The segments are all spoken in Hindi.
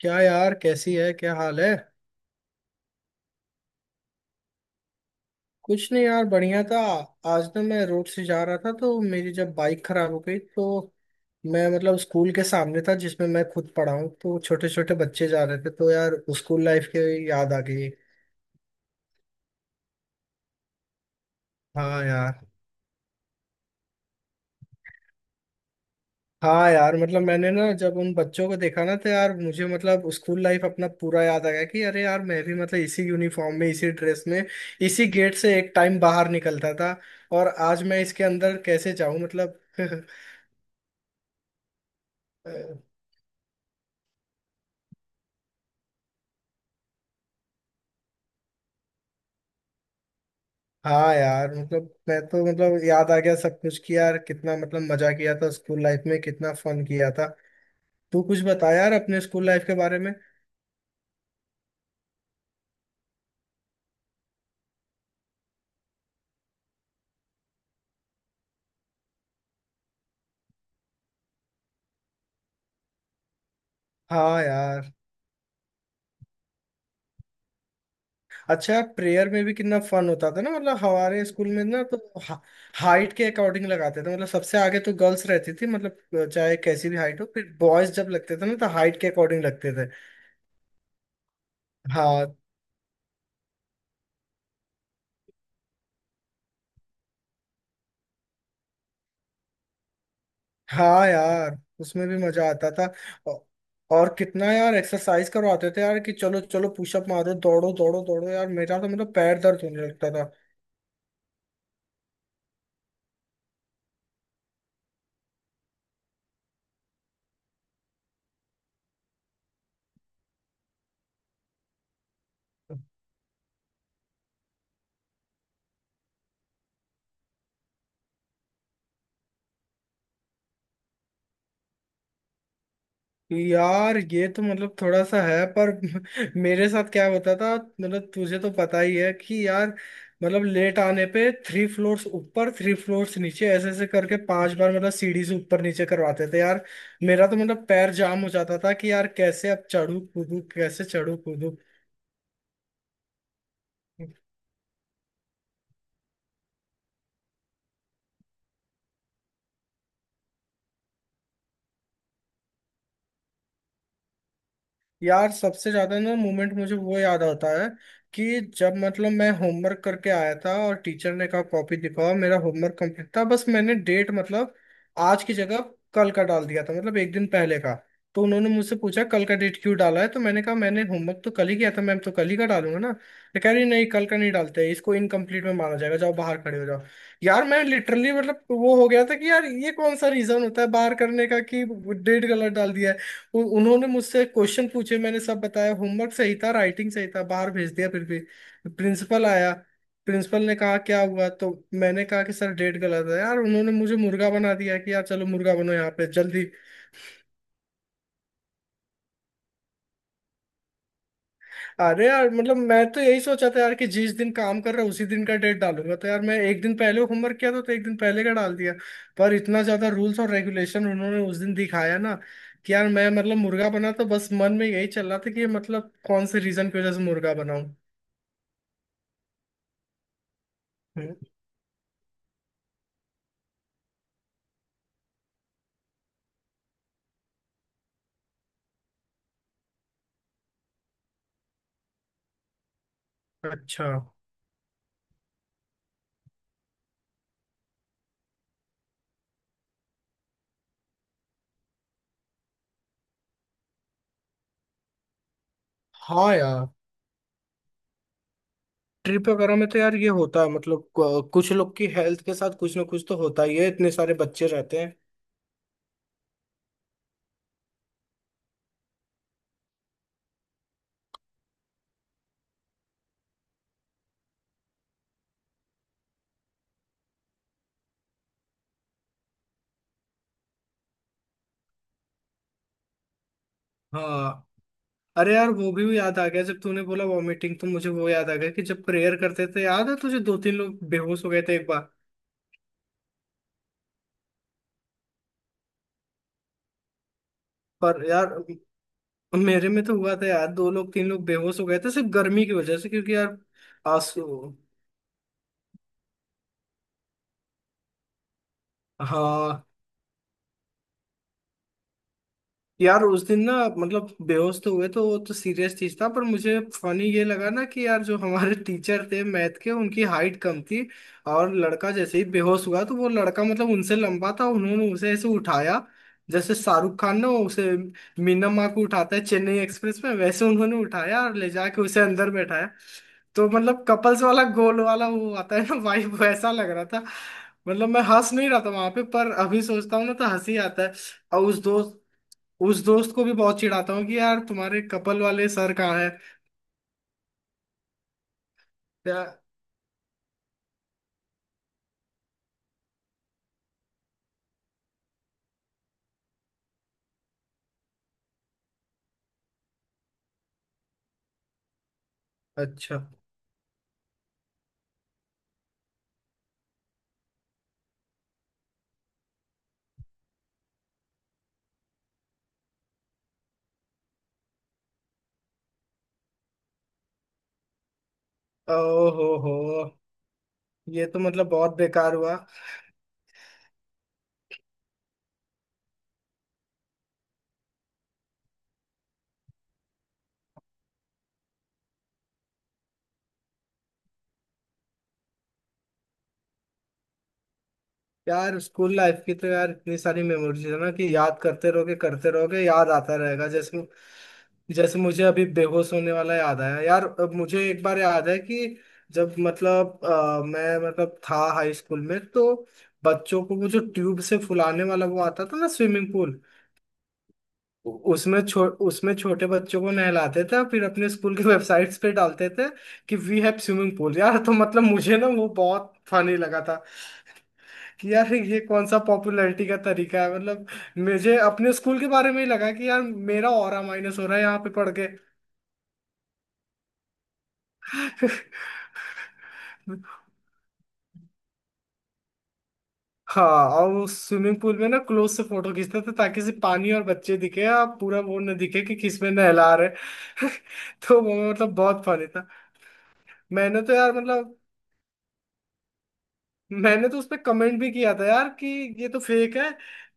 क्या यार, कैसी है? क्या हाल है? कुछ नहीं यार बढ़िया था। आज ना मैं रोड से जा रहा था तो मेरी जब बाइक खराब हो गई तो मैं मतलब स्कूल के सामने था जिसमें मैं खुद पढ़ा हूँ, तो छोटे छोटे बच्चे जा रहे थे तो यार स्कूल लाइफ की याद आ गई। हाँ यार। हाँ यार मतलब मैंने ना जब उन बच्चों को देखा ना तो यार मुझे मतलब स्कूल लाइफ अपना पूरा याद आ गया कि अरे यार मैं भी मतलब इसी यूनिफॉर्म में इसी ड्रेस में इसी गेट से एक टाइम बाहर निकलता था। और आज मैं इसके अंदर कैसे जाऊं मतलब। अ, हाँ यार मतलब मैं तो मतलब याद आ गया सब कुछ कि यार कितना मतलब मजा किया था स्कूल लाइफ में कितना फन किया था। तू कुछ बता यार अपने स्कूल लाइफ के बारे में। हाँ यार। अच्छा, प्रेयर में भी कितना फन होता था ना, मतलब हमारे स्कूल में ना तो हा, हाइट के अकॉर्डिंग लगाते थे, मतलब सबसे आगे तो गर्ल्स रहती थी मतलब चाहे कैसी भी हाइट हो, फिर बॉयज जब लगते थे ना तो हाइट के अकॉर्डिंग लगते थे। हाँ। हाँ यार उसमें भी मजा आता था। औ- और कितना यार एक्सरसाइज करवाते थे यार कि चलो चलो पुशअप मारो दौड़ो दौड़ो दौड़ो, यार मेरा तो मतलब पैर दर्द होने लगता था। यार ये तो मतलब थोड़ा सा है पर मेरे साथ क्या होता था मतलब तुझे तो पता ही है कि यार मतलब लेट आने पे 3 फ्लोर्स ऊपर 3 फ्लोर्स नीचे ऐसे ऐसे करके 5 बार मतलब सीढ़ी से ऊपर नीचे करवाते थे यार। मेरा तो मतलब पैर जाम हो जाता था कि यार कैसे अब चढ़ू कूदू कैसे चढ़ू कूदू। यार सबसे ज्यादा ना मोमेंट मुझे वो याद आता है कि जब मतलब मैं होमवर्क करके आया था और टीचर ने कहा कॉपी दिखाओ, मेरा होमवर्क कंप्लीट था, बस मैंने डेट मतलब आज की जगह कल का डाल दिया था, मतलब एक दिन पहले का। तो उन्होंने मुझसे पूछा कल का डेट क्यों डाला है, तो मैंने कहा मैंने होमवर्क तो कल ही किया था मैम तो कल ही का डालूंगा ना। तो कह रही नहीं कल का नहीं डालते, इसको इनकम्प्लीट में माना जाएगा, जाओ बाहर खड़े हो जाओ। यार मैं लिटरली मतलब वो हो गया था कि यार ये कौन सा रीजन होता है बाहर करने का कि डेट गलत डाल दिया है। उन्होंने मुझसे क्वेश्चन पूछे, मैंने सब बताया, होमवर्क सही था राइटिंग सही था, बाहर भेज दिया फिर भी। प्रिंसिपल आया, प्रिंसिपल ने कहा क्या हुआ, तो मैंने कहा कि सर डेट गलत है, यार उन्होंने मुझे मुर्गा बना दिया कि यार चलो मुर्गा बनो यहाँ पे जल्दी। अरे यार मतलब मैं तो यही सोचा था यार कि जिस दिन काम कर रहा उसी दिन का डेट डालूंगा, तो यार मैं एक दिन पहले होमवर्क किया था तो एक दिन पहले का डाल दिया। पर इतना ज्यादा रूल्स और रेगुलेशन उन्होंने उस दिन दिखाया ना कि यार मैं मतलब मुर्गा बना तो बस मन में यही चल रहा था कि ये मतलब कौन से रीजन की वजह से मुर्गा बनाऊं। अच्छा। हाँ यार ट्रिप वगैरह में तो यार ये होता है मतलब कुछ लोग की हेल्थ के साथ कुछ ना कुछ तो होता ही है, इतने सारे बच्चे रहते हैं। हाँ। अरे यार वो भी याद आ गया जब तूने बोला वॉमिटिंग तो मुझे वो याद आ गया कि जब प्रेयर करते थे याद है तुझे दो तीन लोग बेहोश हो गए थे एक बार। पर यार मेरे में तो हुआ था यार दो लोग तीन लोग बेहोश हो गए थे सिर्फ गर्मी की वजह से क्योंकि यार आंसू। हाँ यार उस दिन ना मतलब बेहोश तो हुए तो वो तो सीरियस चीज था, पर मुझे फनी ये लगा ना कि यार जो हमारे टीचर थे मैथ के उनकी हाइट कम थी। और लड़का जैसे ही बेहोश हुआ तो वो लड़का मतलब उनसे लंबा था, उन्होंने उसे ऐसे उठाया जैसे शाहरुख खान ना उसे मीना माँ को उठाता है चेन्नई एक्सप्रेस में, वैसे उन्होंने उठाया और ले जाके उसे अंदर बैठाया। तो मतलब कपल्स वाला गोल वाला वो आता है ना वाइब, वैसा लग रहा था। मतलब मैं हंस नहीं रहा था वहां पे, पर अभी सोचता हूँ ना तो हंसी आता है। और उस दोस्त को भी बहुत चिढ़ाता हूँ कि यार तुम्हारे कपल वाले सर कहाँ है। या अच्छा, ओहो हो, ये तो मतलब बहुत बेकार हुआ। यार स्कूल लाइफ की तो यार इतनी सारी मेमोरीज है ना कि याद करते रहोगे याद आता रहेगा जैसे। जैसे मुझे अभी बेहोश होने वाला याद आया यार, अब मुझे एक बार याद है कि जब मतलब मैं मतलब था हाई स्कूल में तो बच्चों को वो जो ट्यूब से फुलाने वाला वो आता था ना स्विमिंग पूल, उसमें छोटे बच्चों को नहलाते थे फिर अपने स्कूल की वेबसाइट्स पे डालते थे कि वी हैव स्विमिंग पूल। यार तो मतलब मुझे ना वो बहुत फनी लगा था कि यार ये कौन सा पॉपुलैरिटी का तरीका है, मतलब मुझे अपने स्कूल के बारे में ही लगा कि यार मेरा ऑरा माइनस हो रहा है यहाँ पे पढ़ के। हाँ। और उस स्विमिंग पूल में ना क्लोज से फोटो खींचते थे ताकि सिर्फ पानी और बच्चे दिखे, आप पूरा वो न दिखे कि किस में नहला रहे। तो वो मतलब बहुत फनी था। मैंने तो यार मतलब मैंने तो उस पे कमेंट भी किया था यार कि ये तो फेक है।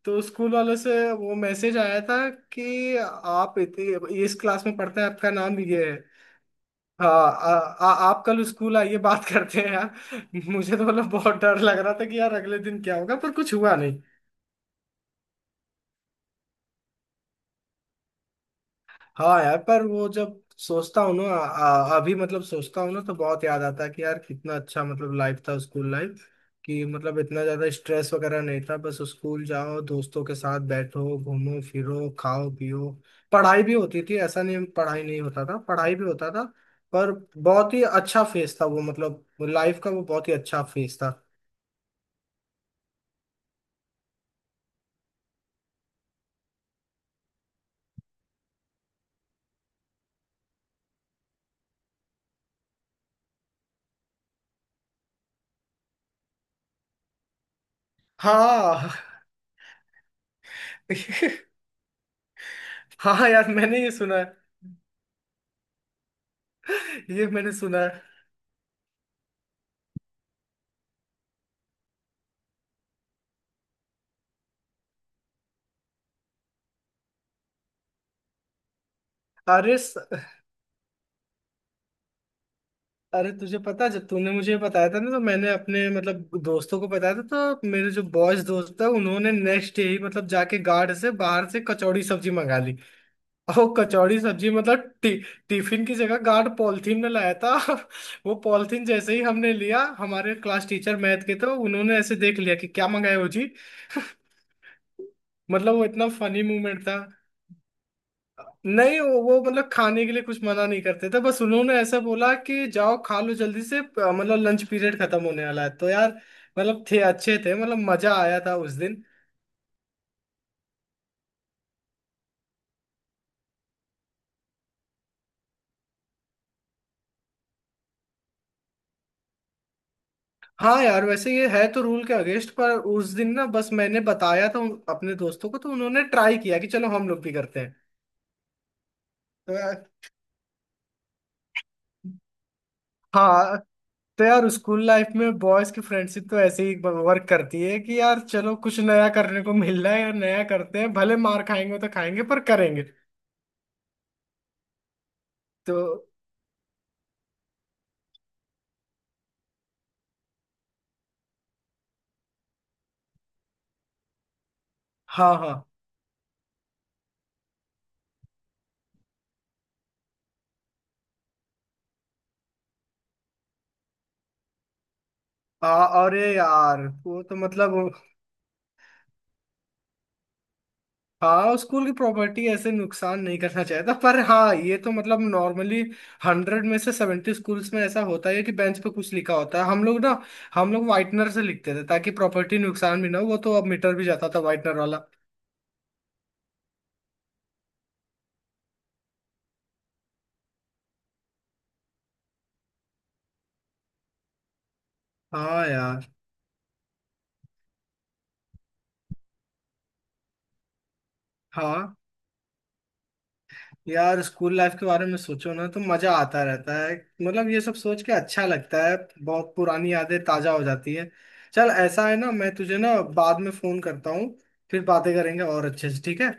तो स्कूल वालों से वो मैसेज आया था कि आप इस क्लास में पढ़ते हैं, आपका नाम ये है, हाँ, आ, आ, आप कल स्कूल आइए बात करते हैं यार। मुझे तो मतलब बहुत डर लग रहा था कि यार अगले दिन क्या होगा, पर कुछ हुआ। हाँ यार पर वो जब सोचता हूँ ना अभी मतलब सोचता हूँ ना तो बहुत याद आता है कि यार कितना अच्छा मतलब लाइफ था स्कूल लाइफ, कि मतलब इतना ज्यादा स्ट्रेस वगैरह नहीं था, बस स्कूल जाओ दोस्तों के साथ बैठो घूमो फिरो खाओ पियो। पढ़ाई भी होती थी, ऐसा नहीं पढ़ाई नहीं होता था, पढ़ाई भी होता था, पर बहुत ही अच्छा फेज था वो, मतलब लाइफ का वो बहुत ही अच्छा फेज था। हाँ। हाँ यार मैंने ये सुना है। ये मैंने सुना है। अरे। अरे तुझे पता जब तूने मुझे बताया था ना तो मैंने अपने मतलब दोस्तों को बताया था। तो मेरे जो बॉयज दोस्त था उन्होंने नेक्स्ट डे ही मतलब जाके गार्ड से बाहर से कचौड़ी सब्जी मंगा ली। और वो कचौड़ी सब्जी मतलब टिफिन की जगह गार्ड पॉलिथीन में लाया था। वो पॉलिथीन जैसे ही हमने लिया हमारे क्लास टीचर मैथ के तो उन्होंने ऐसे देख लिया कि क्या मंगाया हो जी। मतलब वो इतना फनी मूवमेंट था। नहीं वो मतलब खाने के लिए कुछ मना नहीं करते थे, बस उन्होंने ऐसा बोला कि जाओ खा लो जल्दी से मतलब लंच पीरियड खत्म होने वाला है, तो यार मतलब थे अच्छे थे मतलब मजा आया था उस दिन। हाँ यार वैसे ये है तो रूल के अगेंस्ट, पर उस दिन ना बस मैंने बताया था अपने दोस्तों को तो उन्होंने ट्राई किया कि चलो हम लोग भी करते हैं। तो यार हाँ। तो यार स्कूल लाइफ में बॉयज की फ्रेंडशिप तो ऐसे ही वर्क करती है कि यार चलो कुछ नया करने को मिल रहा है, यार नया करते हैं भले मार खाएंगे तो खाएंगे पर करेंगे। तो हाँ। हाँ अरे यार वो तो मतलब। हाँ, स्कूल की प्रॉपर्टी ऐसे नुकसान नहीं करना चाहिए था, पर हाँ ये तो मतलब नॉर्मली 100 में से 70 स्कूल्स में ऐसा होता है कि बेंच पे कुछ लिखा होता है, हम लोग वाइटनर से लिखते थे ताकि प्रॉपर्टी नुकसान भी ना हो, वो तो अब मीटर भी जाता था वाइटनर वाला। हाँ यार। हाँ यार स्कूल लाइफ के बारे में सोचो ना तो मजा आता रहता है, मतलब ये सब सोच के अच्छा लगता है, बहुत पुरानी यादें ताजा हो जाती है। चल ऐसा है ना, मैं तुझे ना बाद में फोन करता हूँ फिर बातें करेंगे और अच्छे से, ठीक है?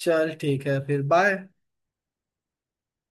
चल ठीक है फिर बाय।